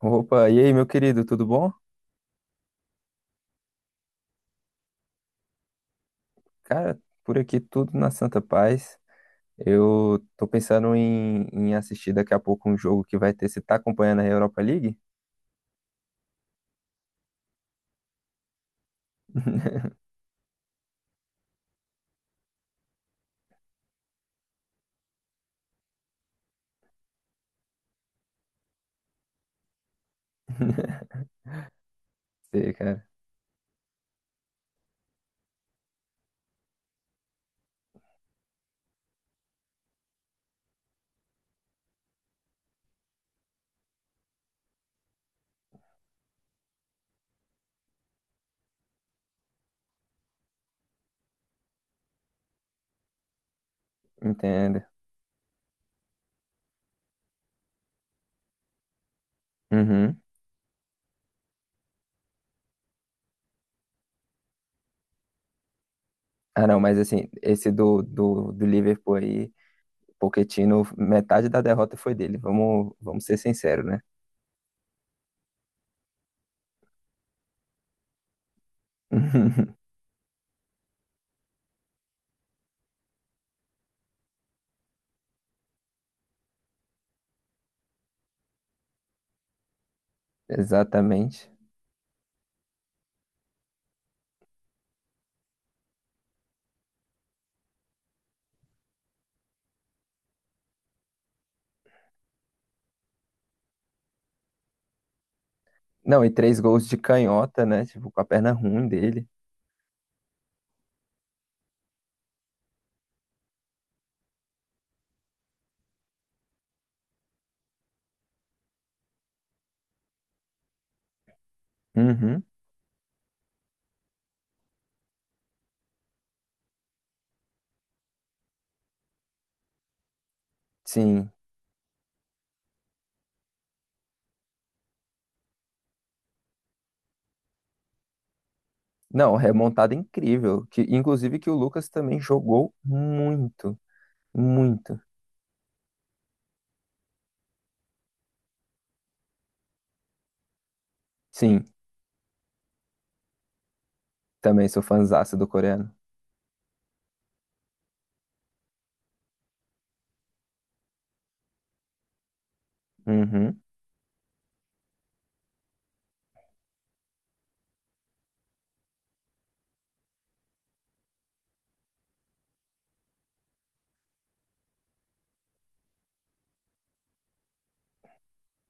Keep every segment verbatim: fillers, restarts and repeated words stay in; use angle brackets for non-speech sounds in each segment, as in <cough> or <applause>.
Opa, e aí, meu querido, tudo bom? Cara, por aqui tudo na santa paz. Eu tô pensando em, em assistir daqui a pouco um jogo que vai ter. Você tá acompanhando a Europa League? <laughs> Sei, cara, entendo. Uhum. Ah, não, mas assim, esse do, do, do Liverpool aí, Pochettino, metade da derrota foi dele. Vamos, vamos ser sinceros, né? <laughs> Exatamente. Não, e três gols de canhota, né? Tipo, com a perna ruim dele. Uhum. Sim. Não, remontada incrível. Que, inclusive que o Lucas também jogou muito, muito. Sim, também sou fãzaço do coreano. Uhum,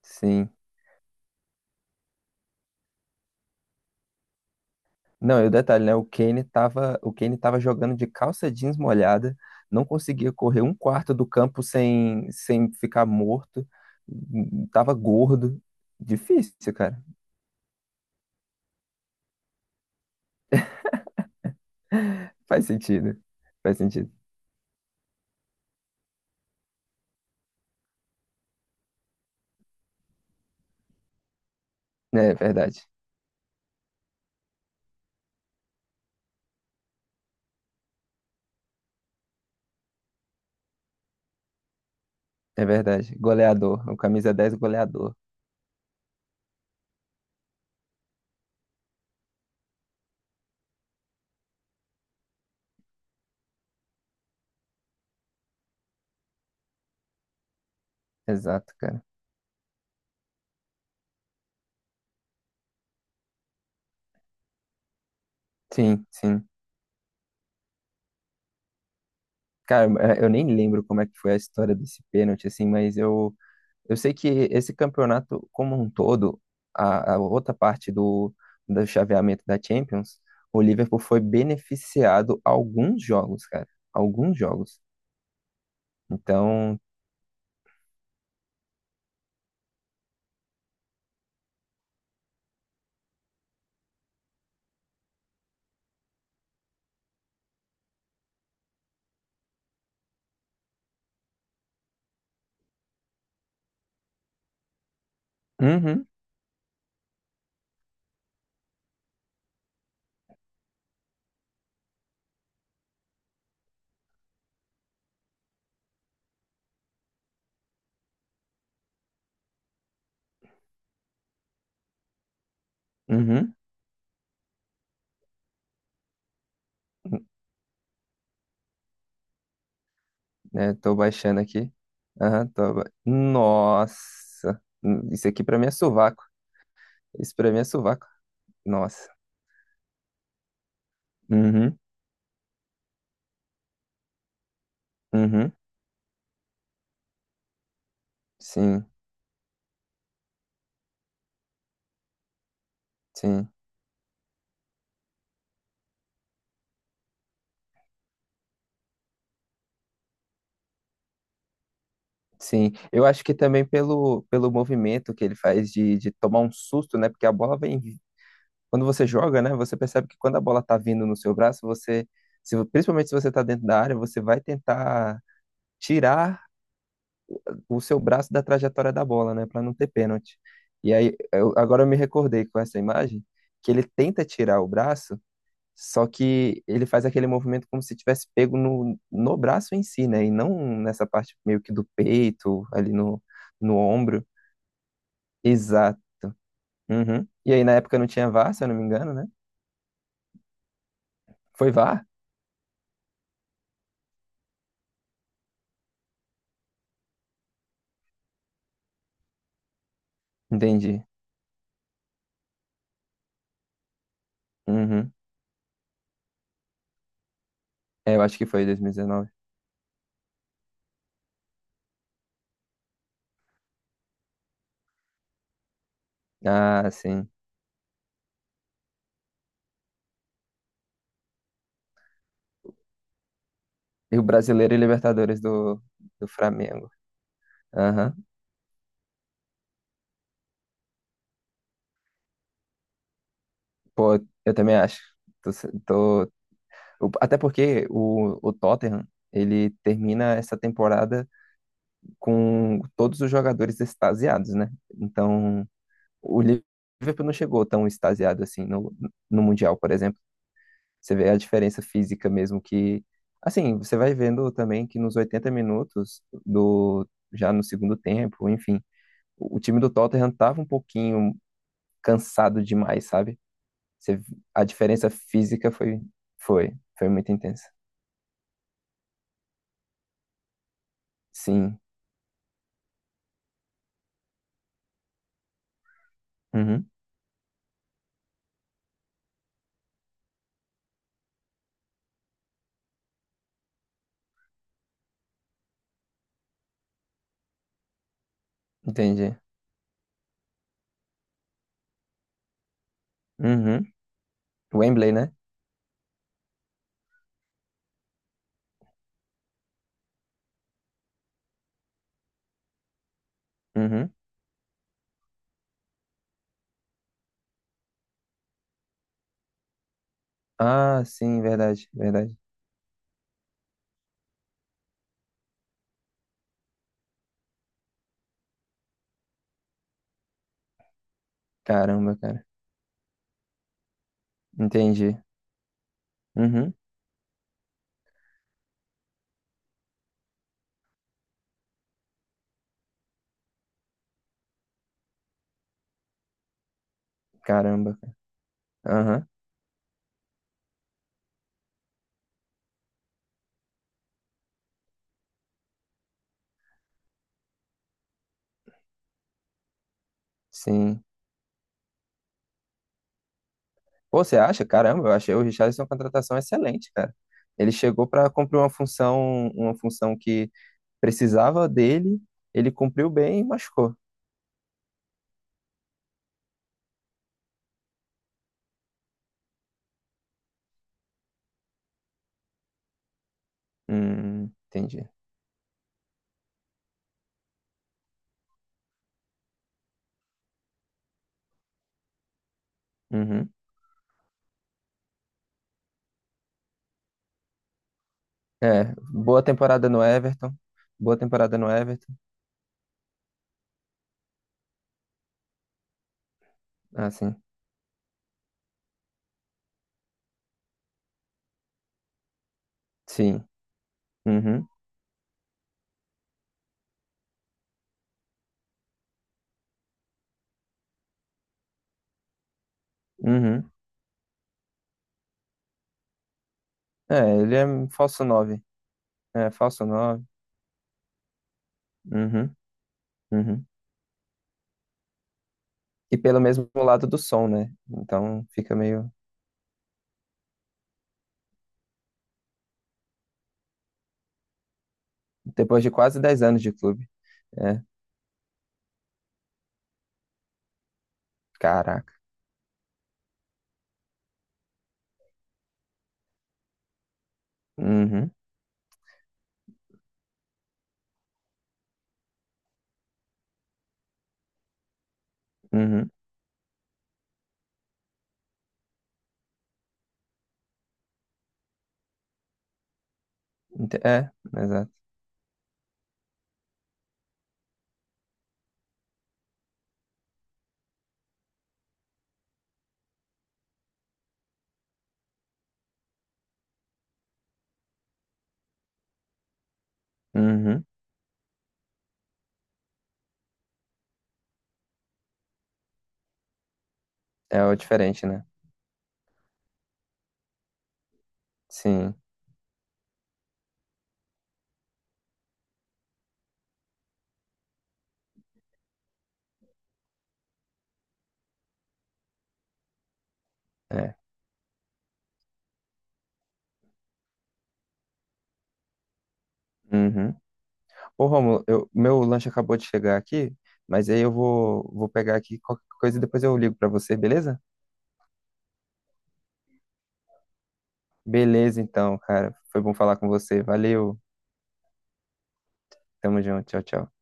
sim. Não, e o detalhe, né? O Kane tava, o Kane tava jogando de calça jeans molhada, não conseguia correr um quarto do campo sem, sem ficar morto, hum, tava gordo. Difícil, cara. Faz sentido. Faz sentido. É verdade. É verdade. Goleador. O camisa dez goleador. Exato, cara. Sim, sim. Cara, eh, eu nem lembro como é que foi a história desse pênalti, assim, mas eu, eu sei que esse campeonato como um todo, a, a outra parte do, do chaveamento da Champions, o Liverpool foi beneficiado alguns jogos, cara, alguns jogos. Então, uhum, uhum, né, tô baixando aqui. Aham, tô ba- Nossa, isso aqui pra mim é sovaco, isso pra mim é sovaco. Nossa, uhum, uhum, sim, sim. Sim, eu acho que também pelo, pelo movimento que ele faz de, de tomar um susto, né? Porque a bola vem. Quando você joga, né? Você percebe que quando a bola tá vindo no seu braço, você. Se, principalmente se você tá dentro da área, você vai tentar tirar o seu braço da trajetória da bola, né? Pra não ter pênalti. E aí, eu- agora eu me recordei com essa imagem que ele tenta tirar o braço, só que ele faz aquele movimento como se tivesse pego no, no braço em si, né? E não nessa parte meio que do peito, ali no, no ombro. Exato. Uhum. E aí na época não tinha V A R, se eu não me engano, né? Foi V A R? Entendi. Uhum. É, eu acho que foi dois mil e dezenove. Ah, sim. E o Brasileiro e Libertadores do, do Flamengo. Aham. Pô, eu também acho. Tô, tô- o- Até porque o, o Tottenham, ele termina essa temporada com todos os jogadores extasiados, né? Então, o Liverpool não chegou tão extasiado assim no, no Mundial, por exemplo. Você vê a diferença física mesmo que. Assim, você vai vendo também que nos oitenta minutos do já no segundo tempo, enfim, o time do Tottenham tava um pouquinho cansado demais, sabe? Você, a diferença física foi foi foi muito intensa. Sim. Uhum. Entendi. Uhum. Wembley, né? Uhum. Ah, sim, verdade, verdade. Caramba, cara. Entendi. Uhum. Caramba. Aham. Sim. Pô, você acha? Caramba, eu achei o Richarlison uma contratação excelente, cara. Ele chegou para cumprir uma função, uma função que precisava dele, ele cumpriu bem e machucou. Hum, entendi. Uhum. É, boa temporada no Everton. Boa temporada no Everton. Ah, sim. Sim. Uhum. Uhum. É, ele é um falso nove. É, falso nove. Uhum. Uhum. E pelo mesmo lado do som, né? Então fica meio. Depois de quase dez anos de clube. É, caraca. Uhum. Uhum. Ente- É, exato. Uhum. É o diferente, né? Sim, é. Uhum. Ô, Rômulo, eu, meu lanche acabou de chegar aqui, mas aí eu vou, vou pegar aqui qualquer coisa e depois eu ligo pra você, beleza? Beleza, então, cara. Foi bom falar com você. Valeu. Tamo junto. Tchau, tchau.